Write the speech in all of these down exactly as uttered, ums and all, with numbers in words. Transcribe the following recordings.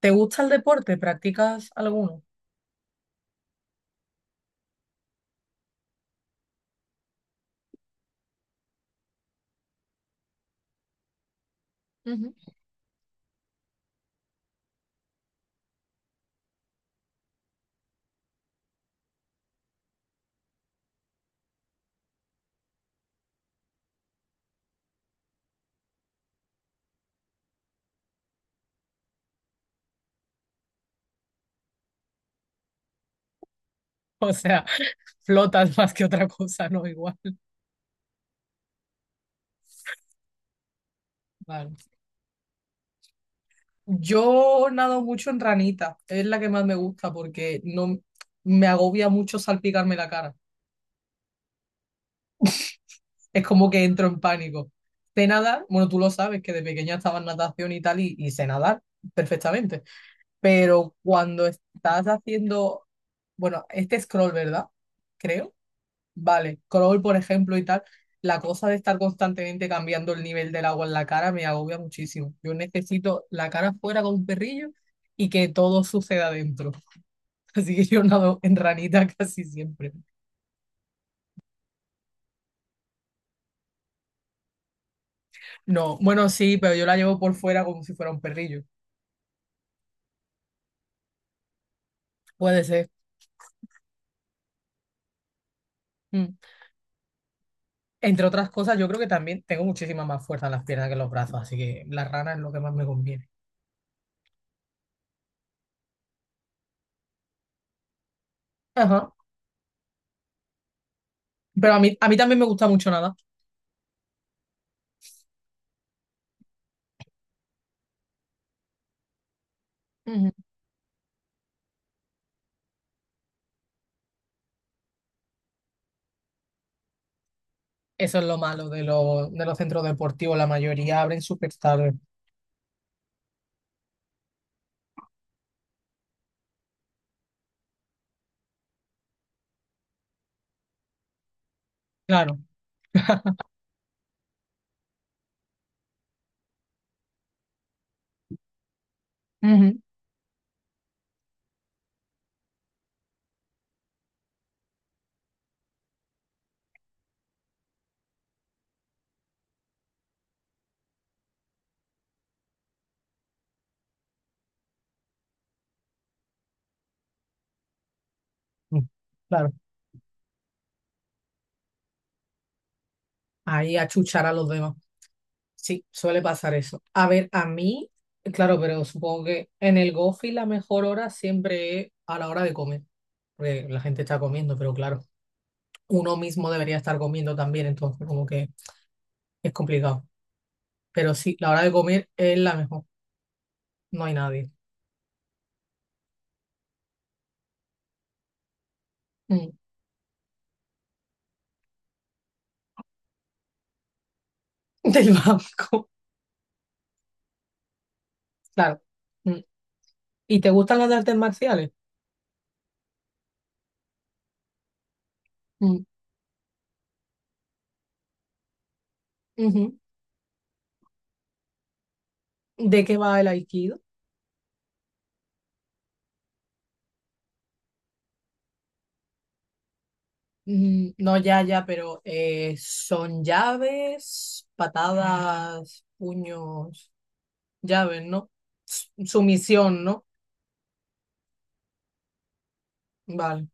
¿Te gusta el deporte? ¿Practicas alguno? Ujú. O sea, flotas más que otra cosa, ¿no? Igual. Vale. Yo nado mucho en ranita, es la que más me gusta porque no me agobia mucho salpicarme la cara. Es como que entro en pánico. Sé nadar, bueno, tú lo sabes que de pequeña estaba en natación y tal, y, y sé nadar perfectamente. Pero cuando estás haciendo, bueno, este scroll, ¿verdad? Creo. Vale, crawl, por ejemplo, y tal. La cosa de estar constantemente cambiando el nivel del agua en la cara me agobia muchísimo. Yo necesito la cara fuera con un perrillo y que todo suceda dentro. Así que yo nado en ranita casi siempre. No, bueno, sí, pero yo la llevo por fuera como si fuera un perrillo. Puede ser. Mm. Entre otras cosas, yo creo que también tengo muchísima más fuerza en las piernas que en los brazos, así que la rana es lo que más me conviene. Ajá. Pero a mí, a mí también me gusta mucho nada. Eso es lo malo de, los de los centros deportivos. La mayoría abren súper tarde. Claro. Ujú. Mm, claro. Ahí a chuchar a los demás. Sí, suele pasar eso. A ver, a mí, claro, pero supongo que en el Gofi la mejor hora siempre es a la hora de comer. Porque la gente está comiendo, pero claro, uno mismo debería estar comiendo también, entonces como que es complicado. Pero sí, la hora de comer es la mejor. No hay nadie. Mm. Del banco. Claro. Mm. ¿Y te gustan las de artes marciales? Mm. Ujú. ¿De qué va el aikido? Mm, no, ya, ya, pero eh, son llaves, patadas, puños, llaves, ¿no? S- Sumisión, ¿no? Vale.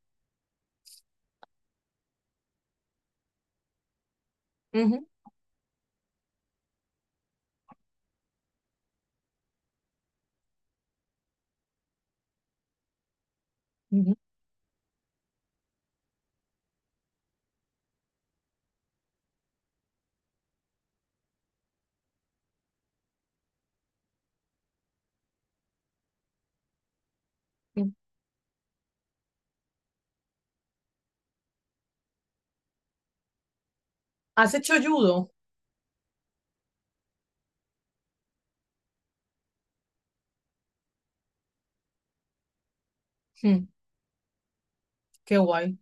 Ujú, ujú, ujú. ¿Has hecho judo? Mm, qué guay.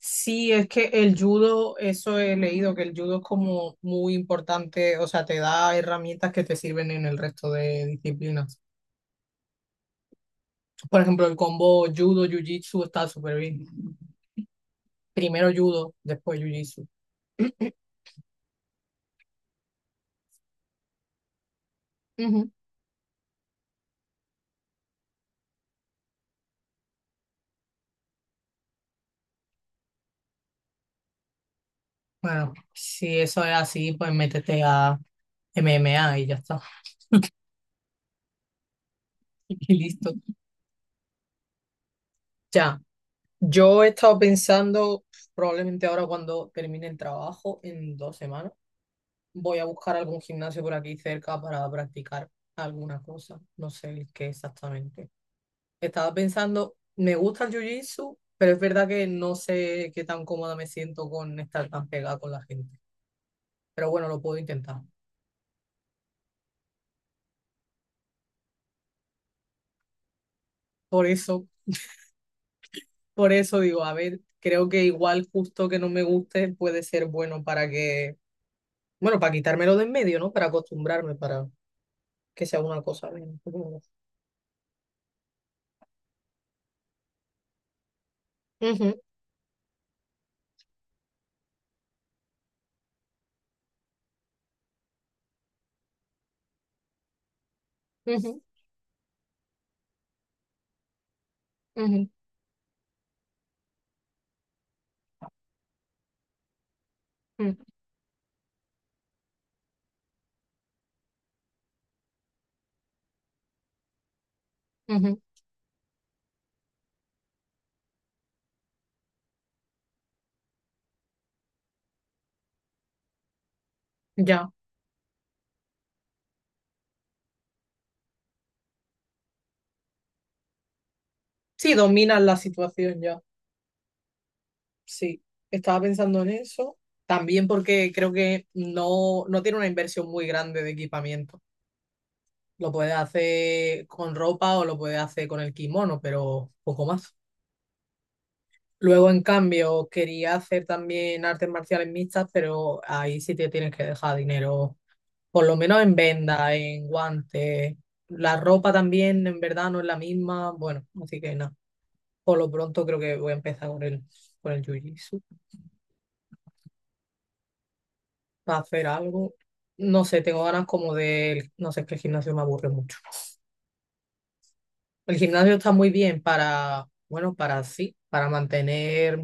Sí, es que el judo, eso he leído, que el judo es como muy importante, o sea, te da herramientas que te sirven en el resto de disciplinas. Por ejemplo, el combo judo, jiu-jitsu está súper bien. Primero judo, después jiu-jitsu. Ujú. Bueno, si eso es así, pues métete a M M A y ya está. Y listo. Ya, yo he estado pensando, probablemente ahora cuando termine el trabajo, en dos semanas, voy a buscar algún gimnasio por aquí cerca para practicar alguna cosa. No sé el qué exactamente. Estaba pensando, me gusta el jiu-jitsu, pero es verdad que no sé qué tan cómoda me siento con estar tan pegada con la gente. Pero bueno, lo puedo intentar. Por eso, por eso digo, a ver, creo que igual justo que no me guste puede ser bueno para que, bueno, para quitármelo de en medio, ¿no? Para acostumbrarme, para que sea una cosa bien. Ujú, ujú, ujú, ujú, ujú. Ya. Sí, dominas la situación. Sí, estaba pensando en eso. También porque creo que no, no tiene una inversión muy grande de equipamiento. Lo puedes hacer con ropa o lo puedes hacer con el kimono, pero poco más. Luego, en cambio, quería hacer también artes marciales mixtas, pero ahí sí te tienes que dejar dinero, por lo menos en venda, en guantes. La ropa también, en verdad, no es la misma. Bueno, así que nada. Por lo pronto creo que voy a empezar con el, con el jiu-jitsu. Para hacer algo. No sé, tengo ganas como de, no sé, es que el gimnasio me aburre mucho. El gimnasio está muy bien para, bueno, para sí, para mantener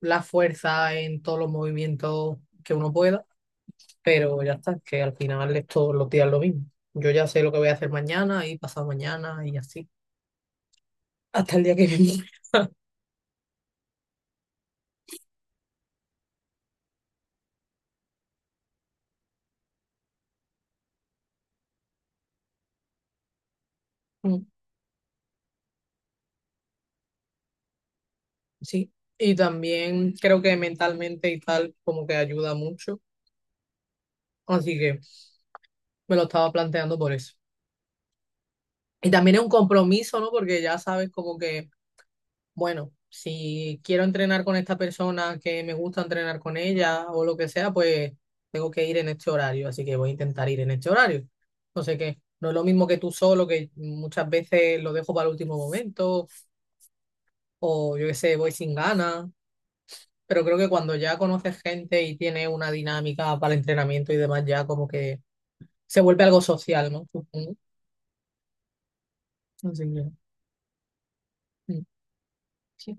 la fuerza en todos los movimientos que uno pueda, pero ya está, que al final es todos los días lo mismo. Yo ya sé lo que voy a hacer mañana y pasado mañana y así, hasta el día que viene. Mm, sí, y también creo que mentalmente y tal como que ayuda mucho, así que me lo estaba planteando por eso. Y también es un compromiso, ¿no? Porque ya sabes como que, bueno, si quiero entrenar con esta persona que me gusta entrenar con ella o lo que sea, pues tengo que ir en este horario, así que voy a intentar ir en este horario. No sé qué, no es lo mismo que tú solo, que muchas veces lo dejo para el último momento o yo qué sé, voy sin ganas, pero creo que cuando ya conoces gente y tienes una dinámica para el entrenamiento y demás, ya como que se vuelve algo social, ¿no? Supongo. Así que, mm. Sí.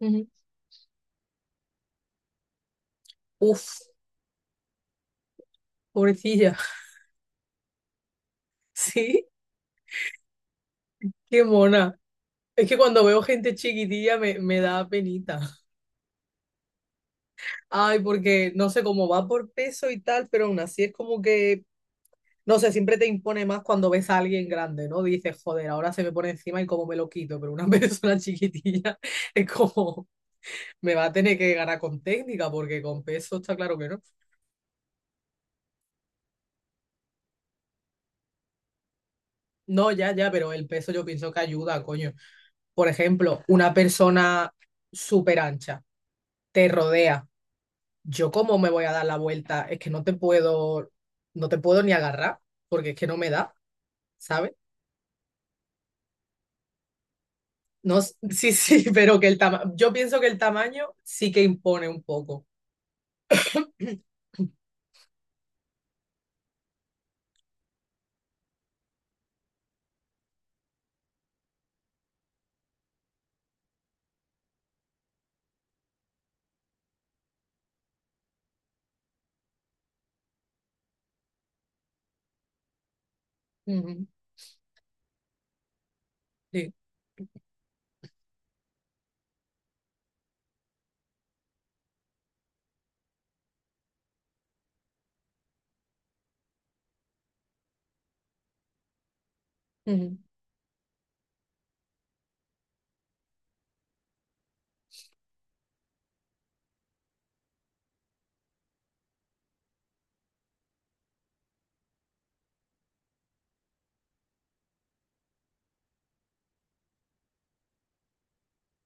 Ujú. Uf. Pobrecilla, sí, qué mona. Es que cuando veo gente chiquitilla me, me da penita. Ay, porque no sé cómo va por peso y tal, pero aún así es como que, no sé, siempre te impone más cuando ves a alguien grande, ¿no? Dices, joder, ahora se me pone encima y cómo me lo quito, pero una persona chiquitilla es como, me va a tener que ganar con técnica, porque con peso está claro que no. No, ya, ya, pero el peso yo pienso que ayuda, coño. Por ejemplo, una persona súper ancha te rodea, yo cómo me voy a dar la vuelta, es que no te puedo, no te puedo ni agarrar, porque es que no me da, ¿sabes? No, s- sí, sí, pero que el tamaño, yo pienso que el tamaño sí que impone un poco. Ujú, sí, ujú,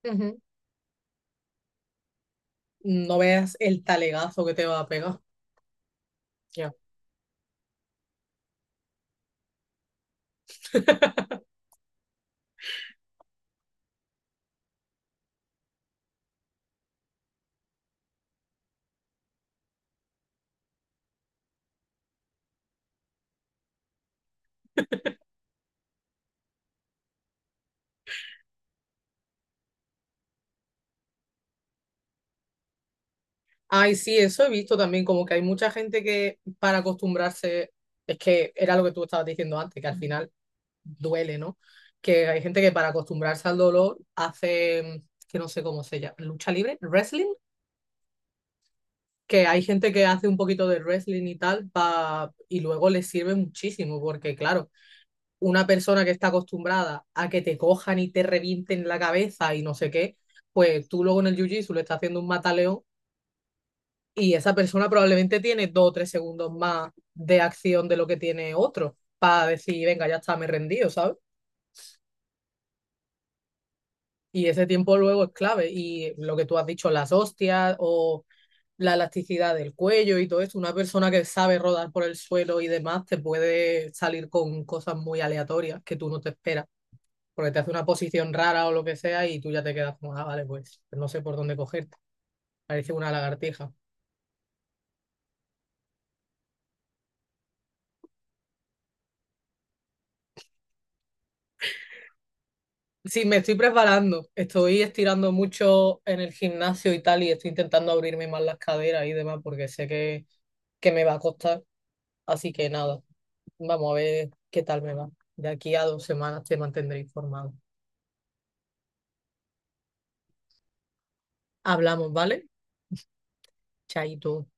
ujú. No veas el talegazo que te va a pegar. Ya. Ay, sí, eso he visto también, como que hay mucha gente que para acostumbrarse, es que era lo que tú estabas diciendo antes, que al final duele, ¿no? Que hay gente que para acostumbrarse al dolor hace, que no sé cómo se llama, lucha libre, wrestling, que hay gente que hace un poquito de wrestling y tal, pa- y luego le sirve muchísimo, porque claro, una persona que está acostumbrada a que te cojan y te revienten la cabeza y no sé qué, pues tú luego en el jiu-jitsu le estás haciendo un mataleón y esa persona probablemente tiene dos o tres segundos más de acción de lo que tiene otro para decir, venga, ya está, me he rendido, ¿sabes? Y ese tiempo luego es clave. Y lo que tú has dicho, las hostias o la elasticidad del cuello y todo eso, una persona que sabe rodar por el suelo y demás te puede salir con cosas muy aleatorias que tú no te esperas, porque te hace una posición rara o lo que sea y tú ya te quedas como, ah, vale, pues no sé por dónde cogerte. Parece una lagartija. Sí, me estoy preparando, estoy estirando mucho en el gimnasio y tal y estoy intentando abrirme más las caderas y demás porque sé que, que me va a costar, así que nada. Vamos a ver qué tal me va. De aquí a dos semanas te mantendré informado. Hablamos, ¿vale? Chaito.